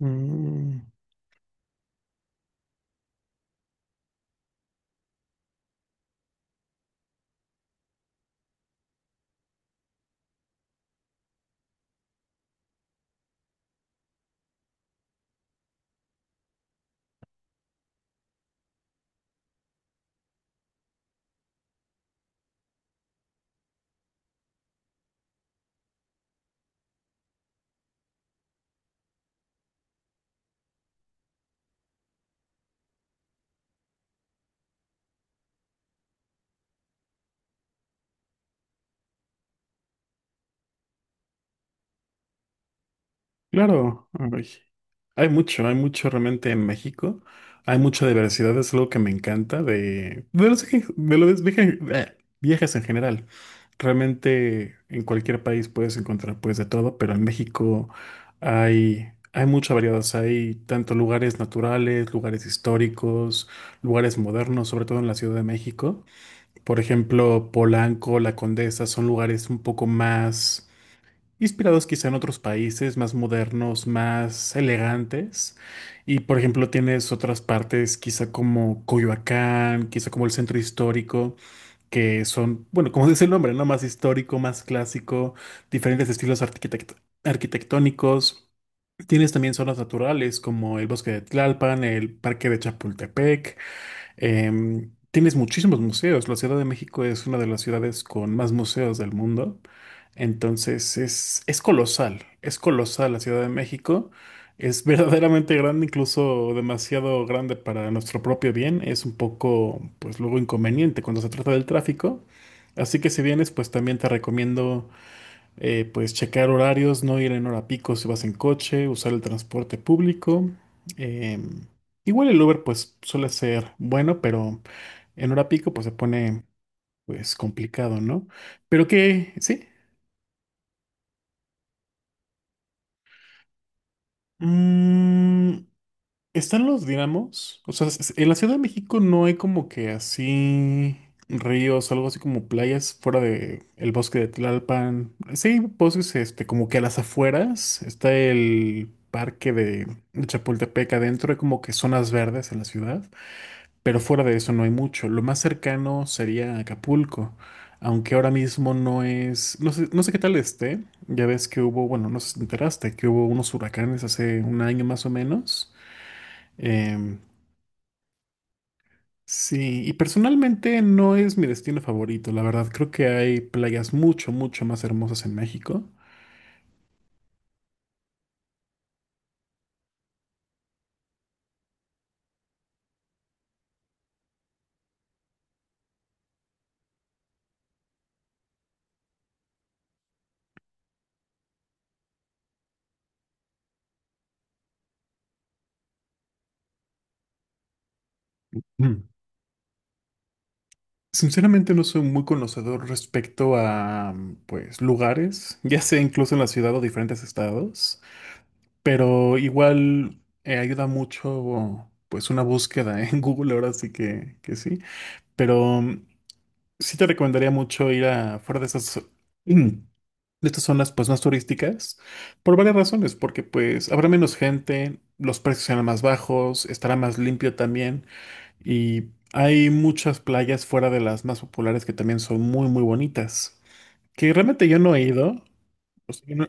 Mm. Claro, ay, hay mucho realmente en México. Hay mucha diversidad, es algo que me encanta de los viajes en general. Realmente en cualquier país puedes encontrar pues de todo, pero en México hay mucha variedad. O sea, hay tanto lugares naturales, lugares históricos, lugares modernos, sobre todo en la Ciudad de México. Por ejemplo, Polanco, La Condesa son lugares un poco más inspirados quizá en otros países más modernos, más elegantes. Y por ejemplo, tienes otras partes, quizá como Coyoacán, quizá como el centro histórico, que son, bueno, como dice el nombre, ¿no? Más histórico, más clásico, diferentes estilos arquitectónicos. Tienes también zonas naturales como el bosque de Tlalpan, el parque de Chapultepec. Tienes muchísimos museos. La Ciudad de México es una de las ciudades con más museos del mundo. Entonces es colosal, es colosal la Ciudad de México, es verdaderamente grande, incluso demasiado grande para nuestro propio bien, es un poco, pues luego inconveniente cuando se trata del tráfico, así que si vienes, pues también te recomiendo, pues checar horarios, no ir en hora pico si vas en coche, usar el transporte público, em, igual el Uber pues suele ser bueno, pero en hora pico pues se pone pues complicado, ¿no? Pero que, sí. Mm, ¿están los dinamos? O sea, en la Ciudad de México no hay como que así ríos, algo así como playas fuera de el bosque de Tlalpan. Sí, hay bosques, este, como que a las afueras está el parque de Chapultepec adentro, hay como que zonas verdes en la ciudad. Pero fuera de eso no hay mucho. Lo más cercano sería Acapulco, aunque ahora mismo no es, no sé, no sé qué tal esté. Ya ves que hubo, bueno, no sé si te enteraste, que hubo unos huracanes hace un año más o menos. Em, sí, y personalmente no es mi destino favorito, la verdad. Creo que hay playas mucho, mucho más hermosas en México. Mm. Sinceramente no soy muy conocedor respecto a, pues, lugares, ya sea incluso en la ciudad o diferentes estados. Pero igual ayuda mucho, pues, una búsqueda ¿eh? En Google, ahora sí que sí. Pero sí te recomendaría mucho ir a fuera de mm, de estas zonas, pues, más turísticas, por varias razones, porque, pues, habrá menos gente, los precios serán más bajos, estará más limpio también, y hay muchas playas fuera de las más populares que también son muy, muy bonitas, que realmente yo no he ido. O sea, yo no-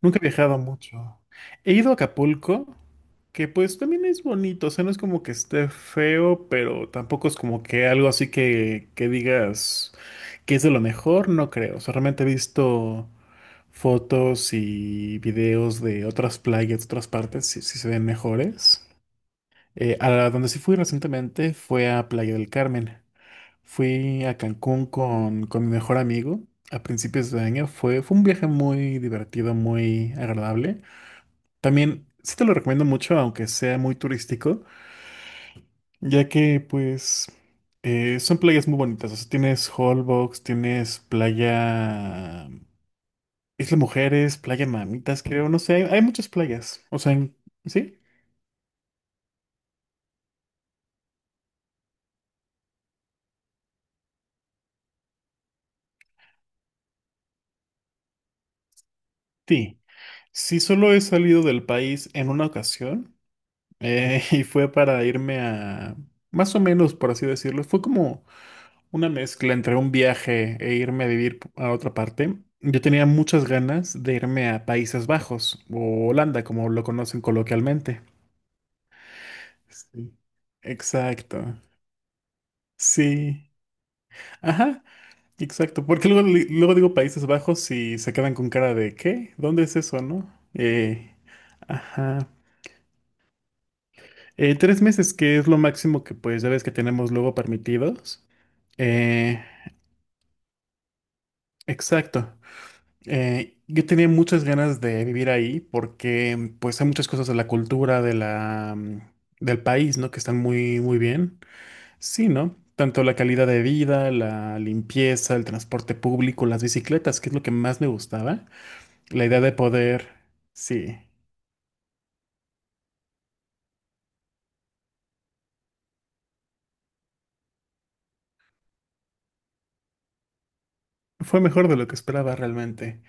nunca he viajado mucho. He ido a Acapulco, que pues también es bonito, o sea, no es como que esté feo, pero tampoco es como que algo así que digas que es de lo mejor, no creo. O sea, realmente he visto fotos y videos de otras playas, de otras partes, si se ven mejores. Donde sí fui recientemente fue a Playa del Carmen. Fui a Cancún con mi mejor amigo a principios de año. Fue un viaje muy divertido, muy agradable. También sí te lo recomiendo mucho, aunque sea muy turístico, ya que pues son playas muy bonitas. O sea, tienes Holbox, tienes playa Isla Mujeres, playa Mamitas, creo, no sé, hay muchas playas. O sea, sí, sí. Sí, solo he salido del país en una ocasión y fue para irme a, más o menos, por así decirlo, fue como una mezcla entre un viaje e irme a vivir a otra parte. Yo tenía muchas ganas de irme a Países Bajos o Holanda, como lo conocen coloquialmente. Sí. Exacto. Sí. Ajá, exacto. Porque luego, luego digo Países Bajos y se quedan con cara de ¿qué? ¿Dónde es eso, no? Ajá. 3 meses, que es lo máximo que pues ya ves que tenemos luego permitidos. Eh, exacto. Yo tenía muchas ganas de vivir ahí porque pues hay muchas cosas de la cultura del país, ¿no? Que están muy, muy bien. Sí, ¿no? Tanto la calidad de vida, la limpieza, el transporte público, las bicicletas, que es lo que más me gustaba. La idea de poder, sí, fue mejor de lo que esperaba realmente.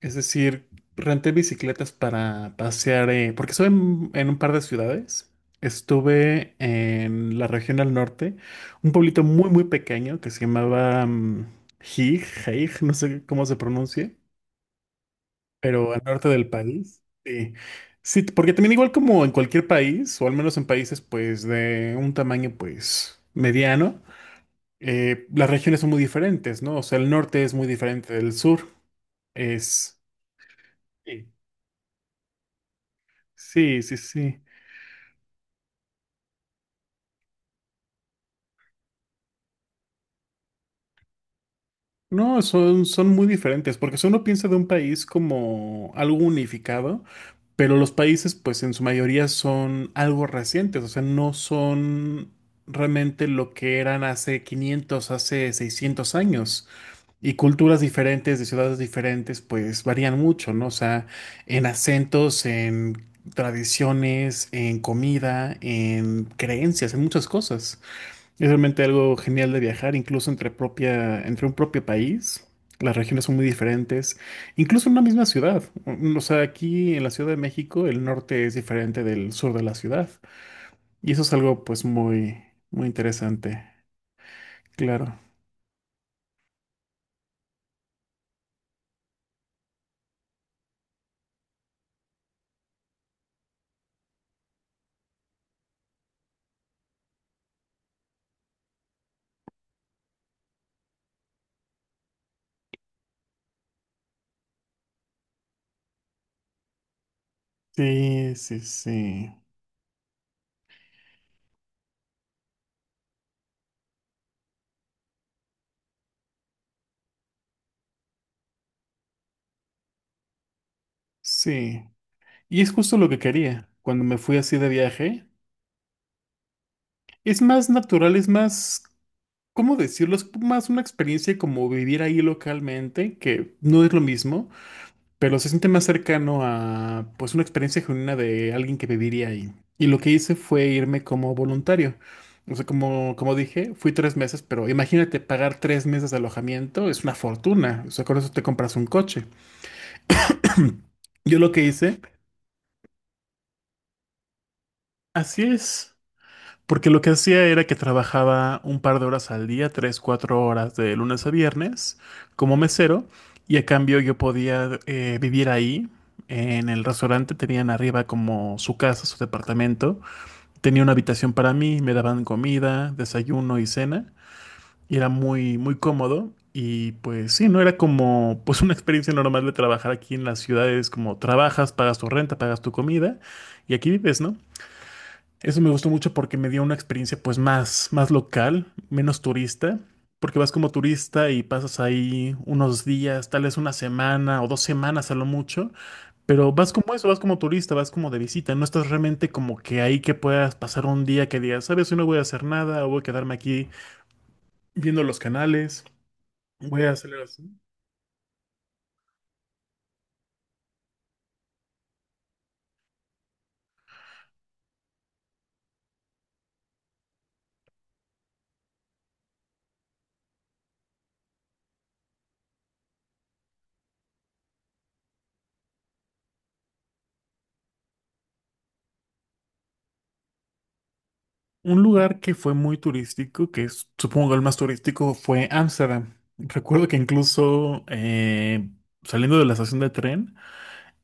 Es decir, renté bicicletas para pasear, porque estuve en un par de ciudades. Estuve en la región al norte, un pueblito muy, muy pequeño que se llamaba Jij, Jij, no sé cómo se pronuncia, pero al norte del país. Sí. Sí, porque también igual como en cualquier país, o al menos en países pues de un tamaño pues mediano, las regiones son muy diferentes, ¿no? O sea, el norte es muy diferente del sur. Es... Sí, sí, sí. Sí. No, son muy diferentes, porque si uno piensa de un país como algo unificado, pero los países pues en su mayoría son algo recientes, o sea, no son realmente lo que eran hace 500, hace 600 años. Y culturas diferentes, de ciudades diferentes, pues varían mucho, ¿no? O sea, en acentos, en tradiciones, en comida, en creencias, en muchas cosas. Es realmente algo genial de viajar, incluso entre un propio país. Las regiones son muy diferentes, incluso en una misma ciudad. O sea, aquí en la Ciudad de México, el norte es diferente del sur de la ciudad. Y eso es algo, pues, muy, muy interesante. Claro. Sí, sí, sí. Sí. Y es justo lo que quería cuando me fui así de viaje. Es más natural, es más, ¿cómo decirlo? Es más una experiencia como vivir ahí localmente, que no es lo mismo. Pero se siente más cercano a pues una experiencia genuina de alguien que viviría ahí. Y lo que hice fue irme como voluntario. O sea, como dije, fui 3 meses, pero imagínate pagar 3 meses de alojamiento, es una fortuna. O sea, con eso te compras un coche. Yo lo que hice, así es. Porque lo que hacía era que trabajaba un par de horas al día, tres, 4 horas de lunes a viernes como mesero y a cambio yo podía vivir ahí. En el restaurante tenían arriba como su casa, su departamento. Tenía una habitación para mí, me daban comida, desayuno y cena. Y era muy, muy cómodo. Y pues sí, no era como pues una experiencia normal de trabajar aquí en las ciudades, como trabajas, pagas tu renta, pagas tu comida y aquí vives, ¿no? Eso me gustó mucho porque me dio una experiencia pues más, más local, menos turista, porque vas como turista y pasas ahí unos días, tal vez una semana o 2 semanas a lo mucho, pero vas como eso, vas como turista, vas como de visita, no estás realmente como que ahí que puedas pasar un día que digas, sabes, hoy no voy a hacer nada, o voy a quedarme aquí viendo los canales. Voy a hacer algo así. Un lugar que fue muy turístico, que es, supongo el más turístico, fue Ámsterdam. Recuerdo que incluso saliendo de la estación de tren,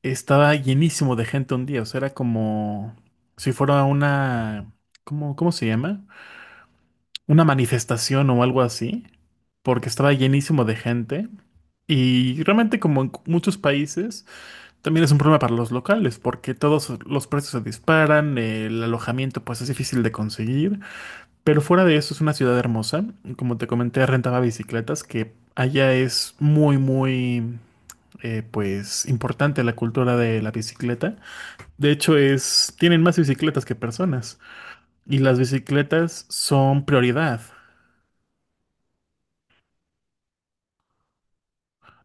estaba llenísimo de gente un día, o sea, era como si fuera una, ¿cómo se llama? Una manifestación o algo así, porque estaba llenísimo de gente. Y realmente como en muchos países, también es un problema para los locales, porque todos los precios se disparan, el alojamiento pues es difícil de conseguir, pero fuera de eso es una ciudad hermosa, como te comenté, rentaba bicicletas, que allá es muy, muy, pues importante la cultura de la bicicleta. De hecho, tienen más bicicletas que personas y las bicicletas son prioridad.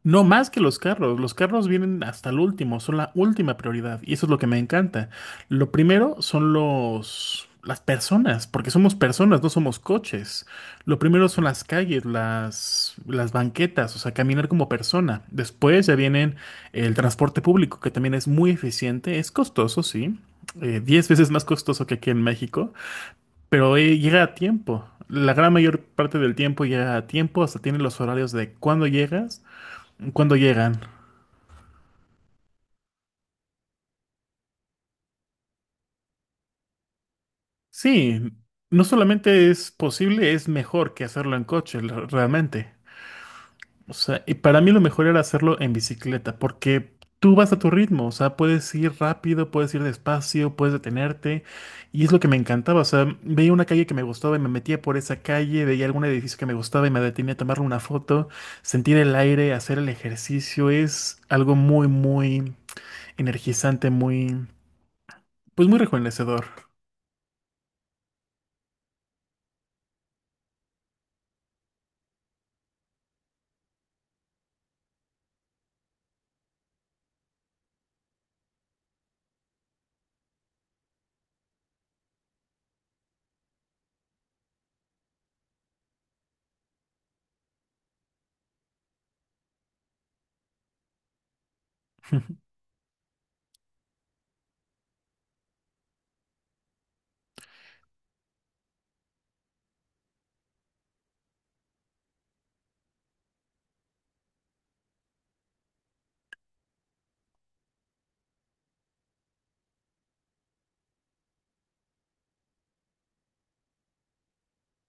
No más que los carros. Los carros vienen hasta el último, son la última prioridad y eso es lo que me encanta. Lo primero son los las personas, porque somos personas, no somos coches. Lo primero son las calles, las banquetas, o sea, caminar como persona. Después ya vienen el transporte público, que también es muy eficiente, es costoso, sí. 10 veces más costoso que aquí en México. Pero llega a tiempo. La gran mayor parte del tiempo llega a tiempo, hasta tiene los horarios de cuándo llegas, cuándo llegan. Sí, no solamente es posible, es mejor que hacerlo en coche, realmente. O sea, y para mí lo mejor era hacerlo en bicicleta, porque tú vas a tu ritmo, o sea, puedes ir rápido, puedes ir despacio, puedes detenerte, y es lo que me encantaba, o sea, veía una calle que me gustaba y me metía por esa calle, veía algún edificio que me gustaba y me detenía a tomarle una foto, sentir el aire, hacer el ejercicio, es algo muy, muy energizante, muy, pues muy rejuvenecedor.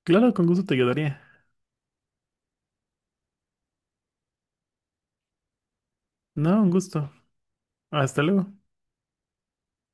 Claro, con gusto te ayudaría. No, un gusto. Hasta luego.